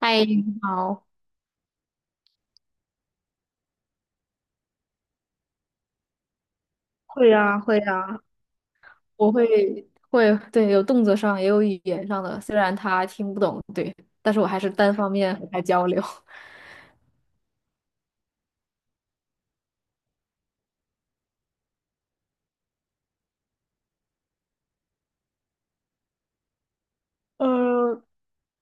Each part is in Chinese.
嗨，你好。会啊，会啊，我会，对，有动作上也有语言上的，虽然它听不懂，对，但是我还是单方面和它交流。呃，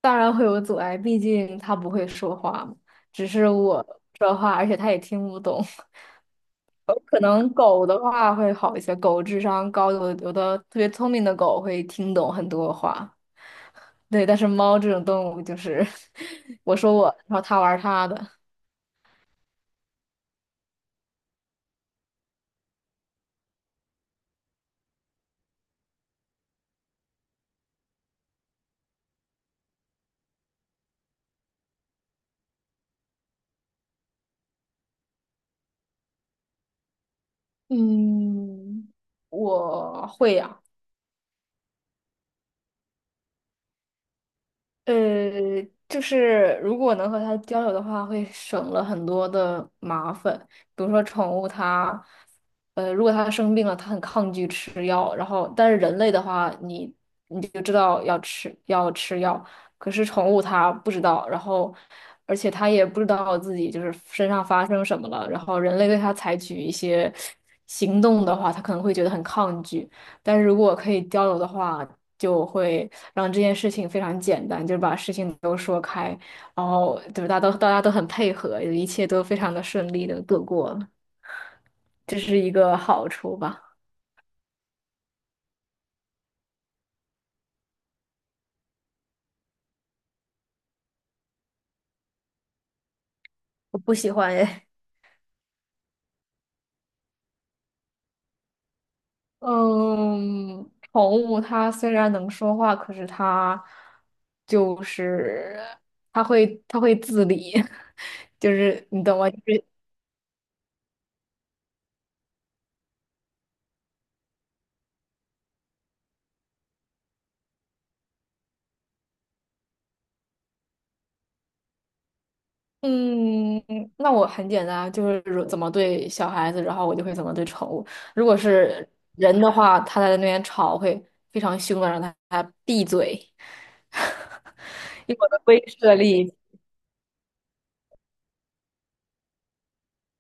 当然会有阻碍，毕竟它不会说话嘛，只是我说话，而且它也听不懂。有可能狗的话会好一些，狗智商高，有的特别聪明的狗会听懂很多话，对，但是猫这种动物就是 我说我，然后它玩它的。嗯，我会呀。呃，就是如果能和它交流的话，会省了很多的麻烦。比如说宠物它，如果它生病了，它很抗拒吃药，然后但是人类的话，你就知道要吃药，可是宠物它不知道，然后而且它也不知道自己就是身上发生什么了，然后人类对它采取一些行动的话，它可能会觉得很抗拒。但是如果可以交流的话，就会让这件事情非常简单，就是把事情都说开，然后就是大家都很配合，一切都非常的顺利的度过了，这是一个好处吧。我不喜欢哎。嗯，宠物它虽然能说话，可是它就是它会自理，就是你懂吗？就是嗯，那我很简单，就是如怎么对小孩子，然后我就会怎么对宠物。如果是人的话，他在那边吵会非常凶的，让他闭嘴。以我的威慑力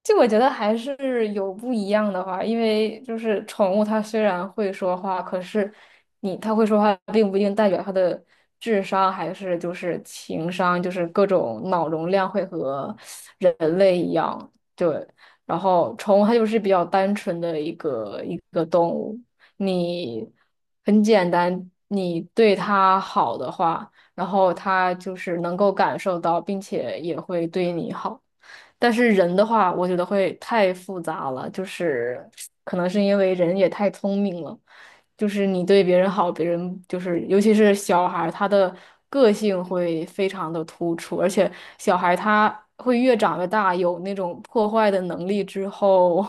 就我觉得还是有不一样的话，因为就是宠物它虽然会说话，可是你它会说话，并不一定代表它的智商还是就是情商，就是各种脑容量会和人类一样。对，然后宠物它就是比较单纯的一个动物，你很简单，你对它好的话，然后它就是能够感受到，并且也会对你好。但是人的话，我觉得会太复杂了，就是可能是因为人也太聪明了，就是你对别人好，别人就是尤其是小孩儿，他的个性会非常的突出，而且小孩他会越长越大，有那种破坏的能力之后，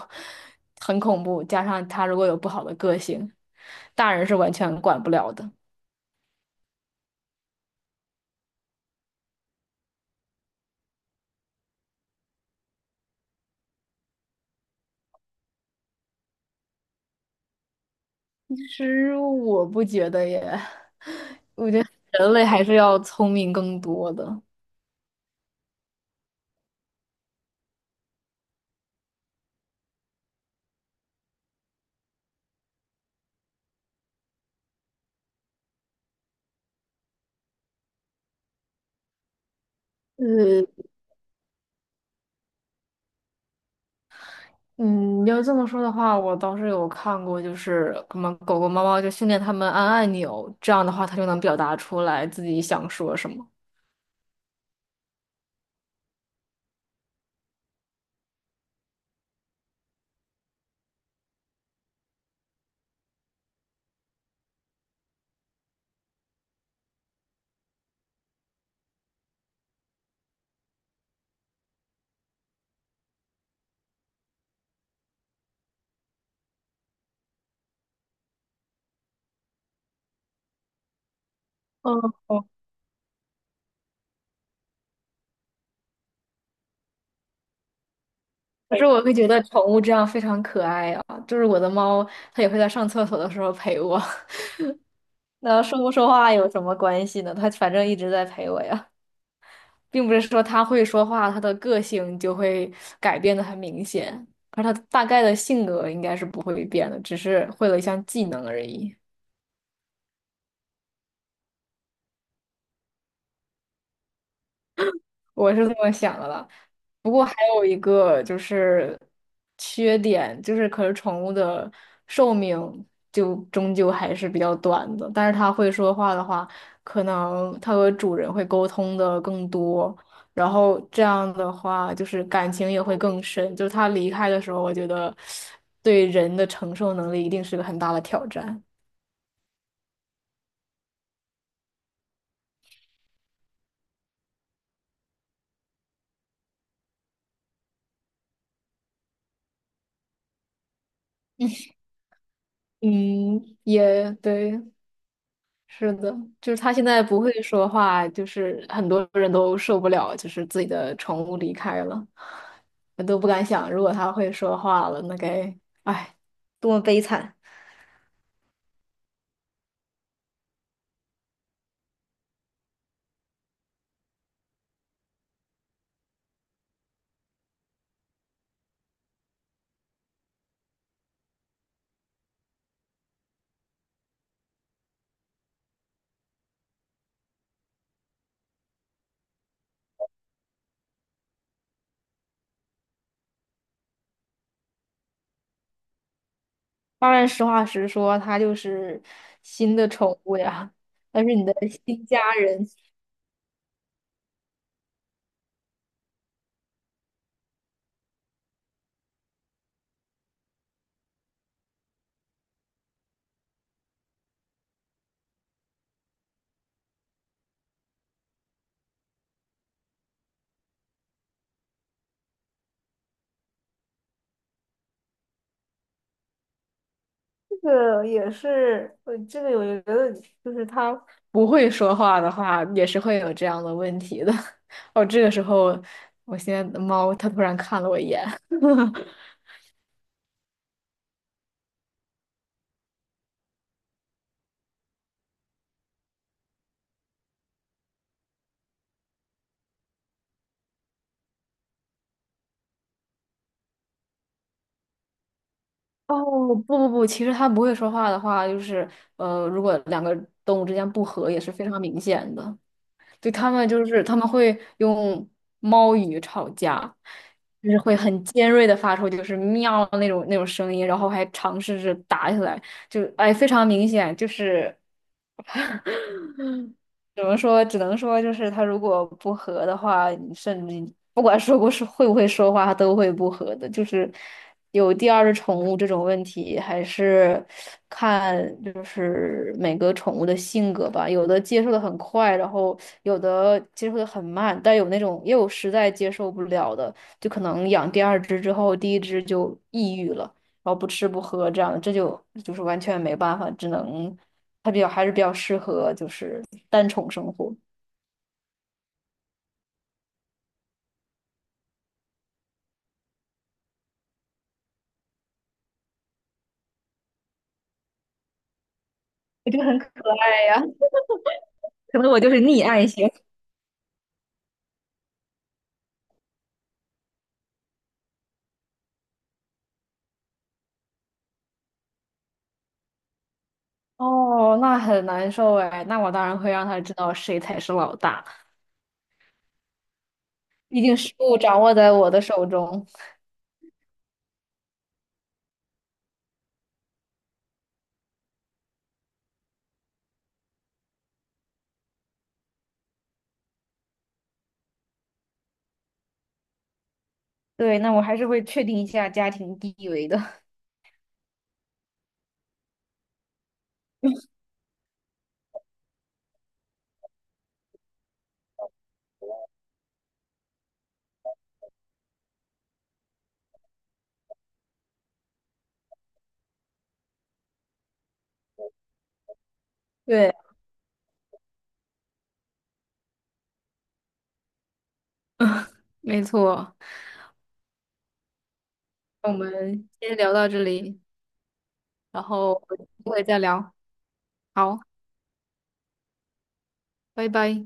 很恐怖，加上他如果有不好的个性，大人是完全管不了的。其实我不觉得耶，人类还是要聪明更多的。呃，嗯，要这么说的话，我倒是有看过，就是什么狗狗、猫猫就训练它们按按钮，这样的话它就能表达出来自己想说什么。嗯，哦，可是我会觉得宠物这样非常可爱啊，就是我的猫，它也会在上厕所的时候陪我。那说不说话有什么关系呢？它反正一直在陪我呀，并不是说它会说话，它的个性就会改变的很明显，而它大概的性格应该是不会变的，只是会了一项技能而已。我是这么想的啦。不过还有一个就是缺点，就是可是宠物的寿命就终究还是比较短的。但是它会说话的话，可能它和主人会沟通的更多，然后这样的话就是感情也会更深。就是它离开的时候，我觉得对人的承受能力一定是个很大的挑战。嗯，也对。是的，就是它现在不会说话，就是很多人都受不了，就是自己的宠物离开了，我都不敢想，如果它会说话了，那该，哎，多么悲惨！当然，实话实说，它就是新的宠物呀，但是你的新家人。这个也是，这个我觉得就是它，不会说话的话，也是会有这样的问题的。哦，这个时候，我现在的猫它突然看了我一眼，哦，不不不，其实它不会说话的话，就是如果两个动物之间不和也是非常明显的。对，它们就是他们会用猫语吵架，就是会很尖锐的发出就是喵那种声音，然后还尝试着打起来，就哎非常明显，就是怎么说？只能说就是它如果不和的话，你甚至你不管说不是会不会说话，它都会不和的。就是有第二只宠物这种问题，还是看就是每个宠物的性格吧。有的接受的很快，然后有的接受的很慢，但有那种也有实在接受不了的，就可能养第二只之后，第一只就抑郁了，然后不吃不喝这样，这就是完全没办法，只能。它比较还是比较适合就是单宠生活。我觉得很可爱呀，可能我就是溺爱型。哦，那很难受哎，那我当然会让他知道谁才是老大，毕竟事物掌握在我的手中。对，那我还是会确定一下家庭地位的。对，没错。那我们先聊到这里，然后有机会再聊。好，拜拜。